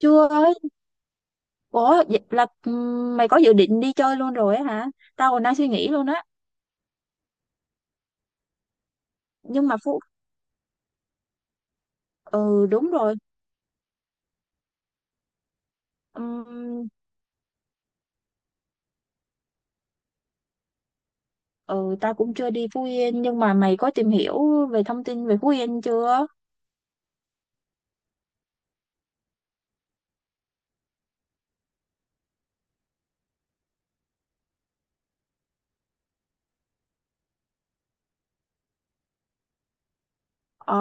Chưa ơi, ủa vậy là mày có dự định đi chơi luôn rồi á hả? Tao còn đang suy nghĩ luôn á. Nhưng mà Phú Ừ đúng rồi. Ừm, ừ, tao cũng chưa đi Phú Yên, nhưng mà mày có tìm hiểu về thông tin về Phú Yên chưa? Ờ,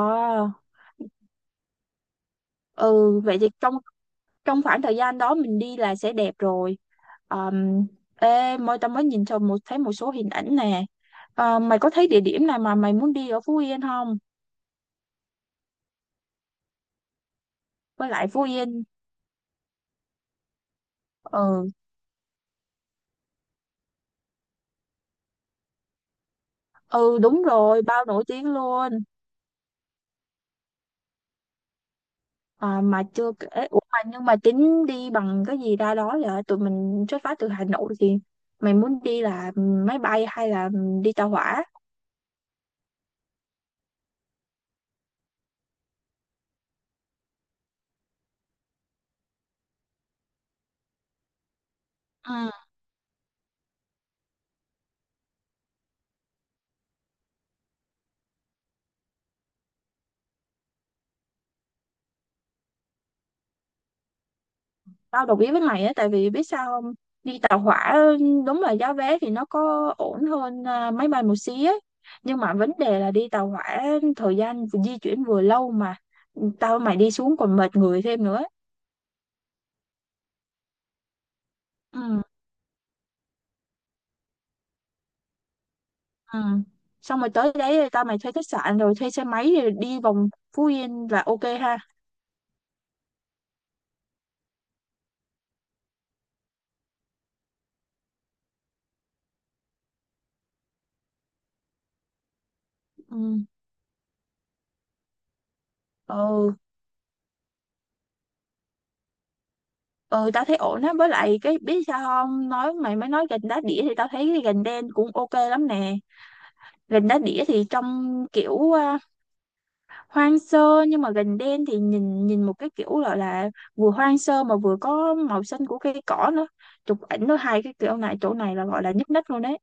ừ vậy thì trong trong khoảng thời gian đó mình đi là sẽ đẹp rồi. Um, Ê, tao mới nhìn cho một thấy một số hình ảnh nè. Ờ, mày có thấy địa điểm nào mà mày muốn đi ở Phú Yên không? Với lại Phú Yên ừ ừ đúng rồi, bao nổi tiếng luôn. À, mà chưa kể Ủa mà nhưng mà tính đi bằng cái gì ra đó vậy? Tụi mình xuất phát từ Hà Nội thì mày muốn đi là máy bay hay là đi tàu hỏa? Ừ, tao đồng ý với mày á, tại vì biết sao không? Đi tàu hỏa đúng là giá vé thì nó có ổn hơn máy bay một xí ấy, nhưng mà vấn đề là đi tàu hỏa thời gian di chuyển vừa lâu, mà tao mày đi xuống còn mệt người thêm nữa. Ừ. Ừ. Xong rồi tới đấy tao mày thuê khách sạn rồi thuê xe máy rồi đi vòng Phú Yên là ok ha. Ừ, ừ, ừ, tao thấy ổn á. Với lại cái biết sao không, nói mày mới nói gành đá đĩa thì tao thấy cái gành đen cũng ok lắm nè. Gành đá đĩa thì trông kiểu hoang sơ, nhưng mà gành đen thì nhìn nhìn một cái kiểu gọi là vừa hoang sơ mà vừa có màu xanh của cây cỏ nữa, chụp ảnh nó hai cái kiểu này chỗ này là gọi là nhức nách luôn đấy.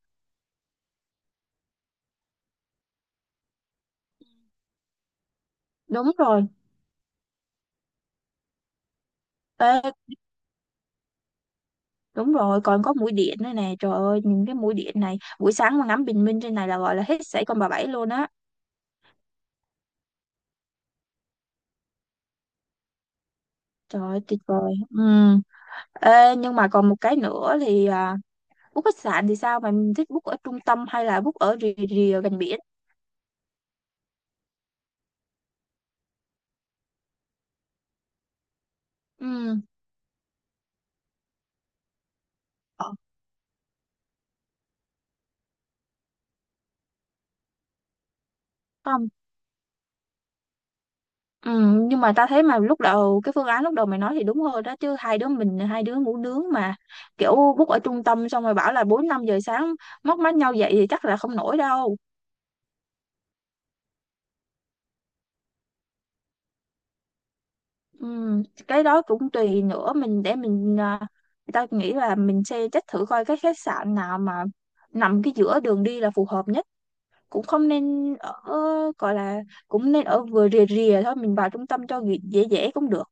Đúng rồi. Ê, đúng rồi, còn có mũi điện nữa nè, trời ơi nhìn cái mũi điện này buổi sáng mà ngắm bình minh trên này là gọi là hết sảy con bà bảy luôn á. Trời ơi tuyệt vời, ừ. Ê, nhưng mà còn một cái nữa thì book khách sạn thì sao? Mày thích book ở trung tâm hay là book ở rìa rìa gần biển? Ừ, ờ, không. Ừ, nhưng mà ta thấy mà lúc đầu cái phương án lúc đầu mày nói thì đúng hơn đó chứ, hai đứa mình hai đứa ngủ nướng mà. Kiểu book ở trung tâm xong rồi bảo là 4 5 giờ sáng móc mắt nhau dậy thì chắc là không nổi đâu. Ừ, cái đó cũng tùy nữa, mình để mình tao nghĩ là mình sẽ check thử coi cái khách sạn nào mà nằm cái giữa đường đi là phù hợp nhất. Cũng không nên ở gọi là, cũng nên ở vừa rìa rìa thôi, mình vào trung tâm cho dễ dễ dễ cũng được.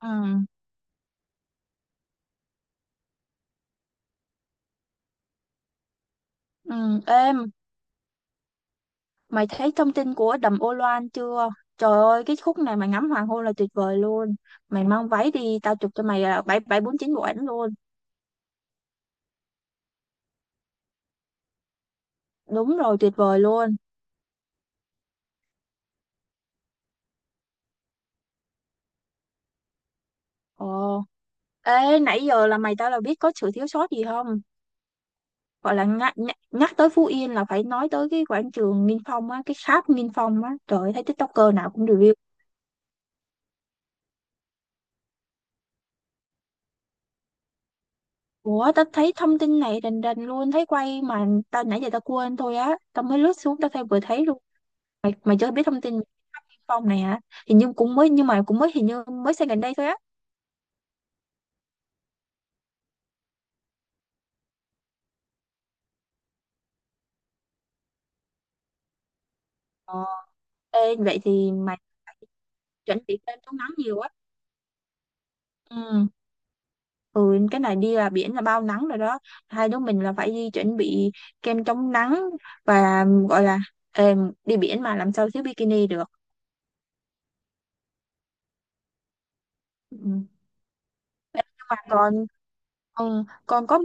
Ừ. Ừ, em, mày thấy thông tin của đầm Ô Loan chưa? Trời ơi cái khúc này mày ngắm hoàng hôn là tuyệt vời luôn. Mày mang váy đi tao chụp cho mày là bảy bảy bốn chín bộ ảnh luôn. Đúng rồi, tuyệt vời luôn. Ồ, ê nãy giờ là mày tao là biết có sự thiếu sót gì không? Gọi là nhắc, nhắc, tới Phú Yên là phải nói tới cái quảng trường Nghinh Phong á, cái tháp Nghinh Phong á, trời ơi, thấy TikToker nào cũng review. Ủa tao thấy thông tin này rành rành luôn. Thấy quay mà tao nãy giờ tao quên thôi á. Tao mới lướt xuống tao thấy vừa thấy luôn. Mày chưa biết thông tin Thanh Phong này hả? Hình như cũng mới. Nhưng mà cũng mới, hình như mới xây gần đây thôi á. Ờ. Ê, vậy thì mày chuẩn bị kem chống nắng nhiều á. Ừ. Ừ, cái này đi là biển là bao nắng rồi đó, hai đứa mình là phải đi chuẩn bị kem chống nắng và gọi là, ê, đi biển mà làm sao thiếu bikini được. Ừ. Ê, nhưng mà còn còn có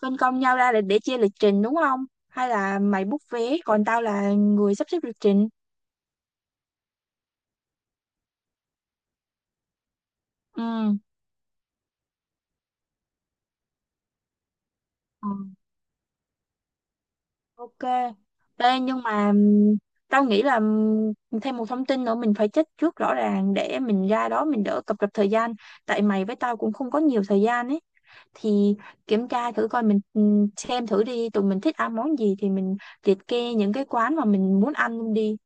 phân công nhau ra để chia lịch trình đúng không? Hay là mày book vé còn tao là người sắp xếp lịch trình? Ừ, ờ, ok. Ê, nhưng mà tao nghĩ là thêm một thông tin nữa mình phải check trước rõ ràng để mình ra đó mình đỡ cập rập thời gian. Tại mày với tao cũng không có nhiều thời gian ấy. Thì kiểm tra thử coi mình xem thử đi, tụi mình thích ăn món gì thì mình liệt kê những cái quán mà mình muốn ăn đi.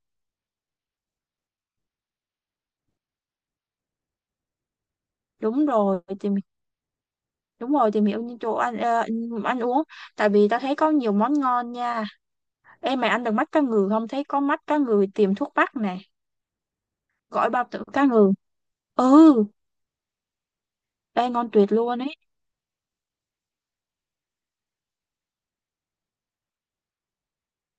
Đúng rồi, tìm Đúng rồi, tìm hiểu những chỗ ăn, ăn uống, tại vì tao thấy có nhiều món ngon nha. Em mày ăn được mắt cá ngừ không, thấy có mắt cá ngừ tiềm thuốc bắc này, gỏi bao tử cá ngừ, ừ, đây ngon tuyệt luôn ấy.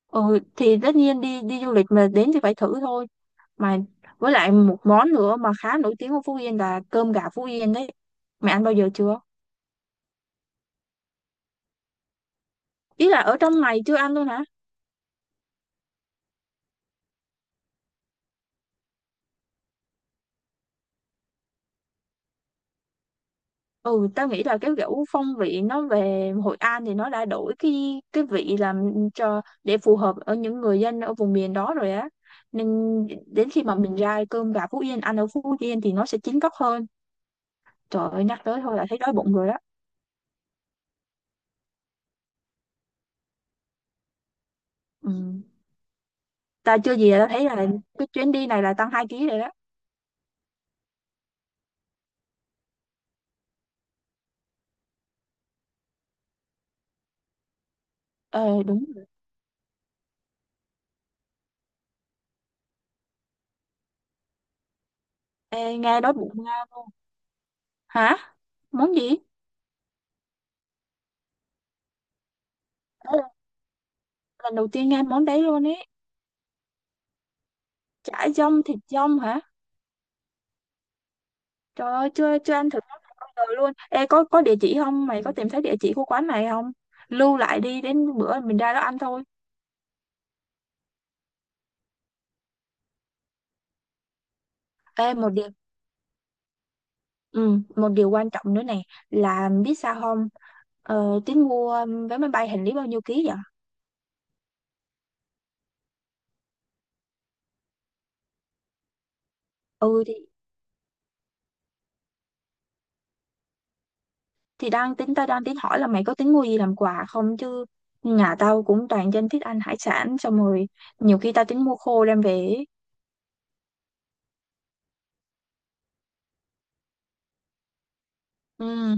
Ừ thì tất nhiên đi đi du lịch mà đến thì phải thử thôi, mà với lại một món nữa mà khá nổi tiếng ở Phú Yên là cơm gà Phú Yên đấy. Mày ăn bao giờ chưa? Ý là ở trong này chưa ăn luôn hả? Ừ, tao nghĩ là cái kiểu phong vị nó về Hội An thì nó đã đổi cái vị làm cho để phù hợp ở những người dân ở vùng miền đó rồi á, nên đến khi mà mình ra cơm gà Phú Yên ăn ở Phú Yên thì nó sẽ chín góc hơn. Trời ơi nhắc tới thôi là thấy đói bụng rồi đó. Ừ. Ta chưa gì là tao thấy là cái chuyến đi này là tăng 2 ký rồi đó. Ờ đúng rồi. Ê, nghe đói bụng nghe luôn, hả món gì? Đó là lần đầu tiên nghe món đấy luôn ấy, chả dông thịt dông hả? Trời ơi, chưa chưa ăn thử món này bao giờ luôn. Ê, có địa chỉ không? Mày có tìm thấy địa chỉ của quán này không? Lưu lại đi, đến bữa mình ra đó ăn thôi. Ê một điều, ừ, một điều quan trọng nữa này, là biết sao không? Ờ, tính mua vé máy bay hành lý bao nhiêu ký vậy? Ừ thì đang tính tao đang tính hỏi là mày có tính mua gì làm quà không chứ, nhà tao cũng toàn dân thích ăn hải sản, xong rồi nhiều khi tao tính mua khô đem về ấy. Ừ,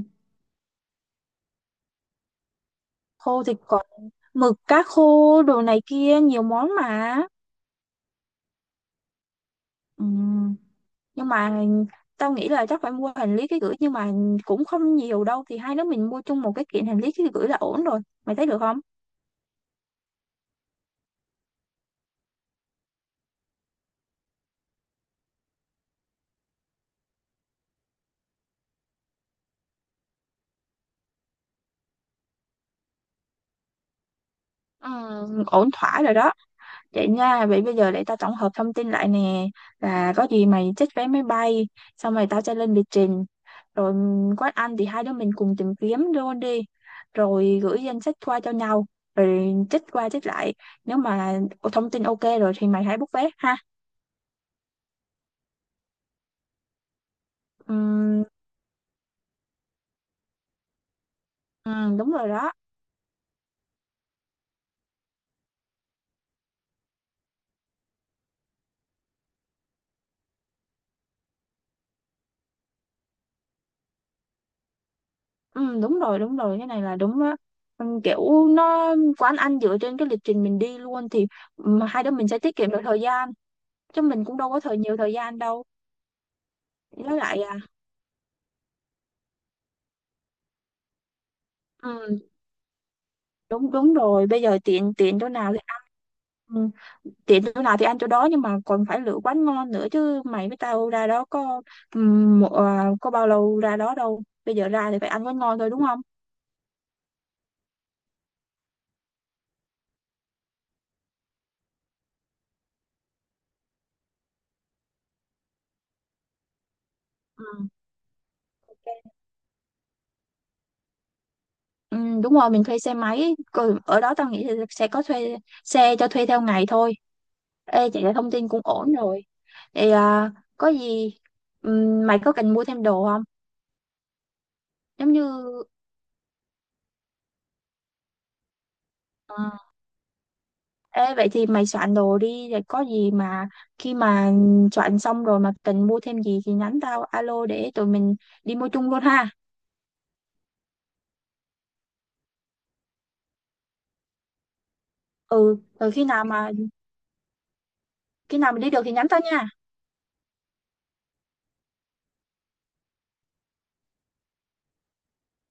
khô thì còn mực, cá khô, đồ này kia nhiều món mà. Ừ, nhưng mà tao nghĩ là chắc phải mua hành lý ký gửi, nhưng mà cũng không nhiều đâu thì hai đứa mình mua chung một cái kiện hành lý ký gửi là ổn rồi, mày thấy được không? Ừ, ổn thỏa rồi đó. Vậy nha, vậy bây giờ để tao tổng hợp thông tin lại nè, là có gì mày check vé máy bay, xong rồi tao sẽ lên lịch trình, rồi quán ăn thì hai đứa mình cùng tìm kiếm luôn đi, rồi gửi danh sách qua cho nhau, rồi check qua check lại, nếu mà thông tin ok rồi thì mày hãy book vé ha. Ừ, ừ, đúng rồi đó. Ừ, đúng rồi đúng rồi, cái này là đúng á. Ừ, kiểu nó quán ăn dựa trên cái lịch trình mình đi luôn thì mà hai đứa mình sẽ tiết kiệm được thời gian, chứ mình cũng đâu có nhiều thời gian đâu. Với lại ừ, đúng đúng rồi, bây giờ tiện tiện chỗ nào thì ăn. Ừ, tiện chỗ nào thì ăn chỗ đó, nhưng mà còn phải lựa quán ngon nữa chứ mày với tao ra đó có, ừ, có bao lâu ra đó đâu, bây giờ ra thì phải ăn quán ngon thôi đúng không? Ừ. Ok. Ừ, đúng rồi mình thuê xe máy. Còn ở đó tao nghĩ là sẽ có thuê xe cho thuê theo ngày thôi. Ê chị, là thông tin cũng ổn rồi, thì có gì mày có cần mua thêm đồ không? Giống như ờ, ê vậy thì mày soạn đồ đi, rồi có gì mà khi mà soạn xong rồi mà cần mua thêm gì thì nhắn tao alo để tụi mình đi mua chung luôn ha. Ừ, rồi khi nào mình đi được thì nhắn tao nha.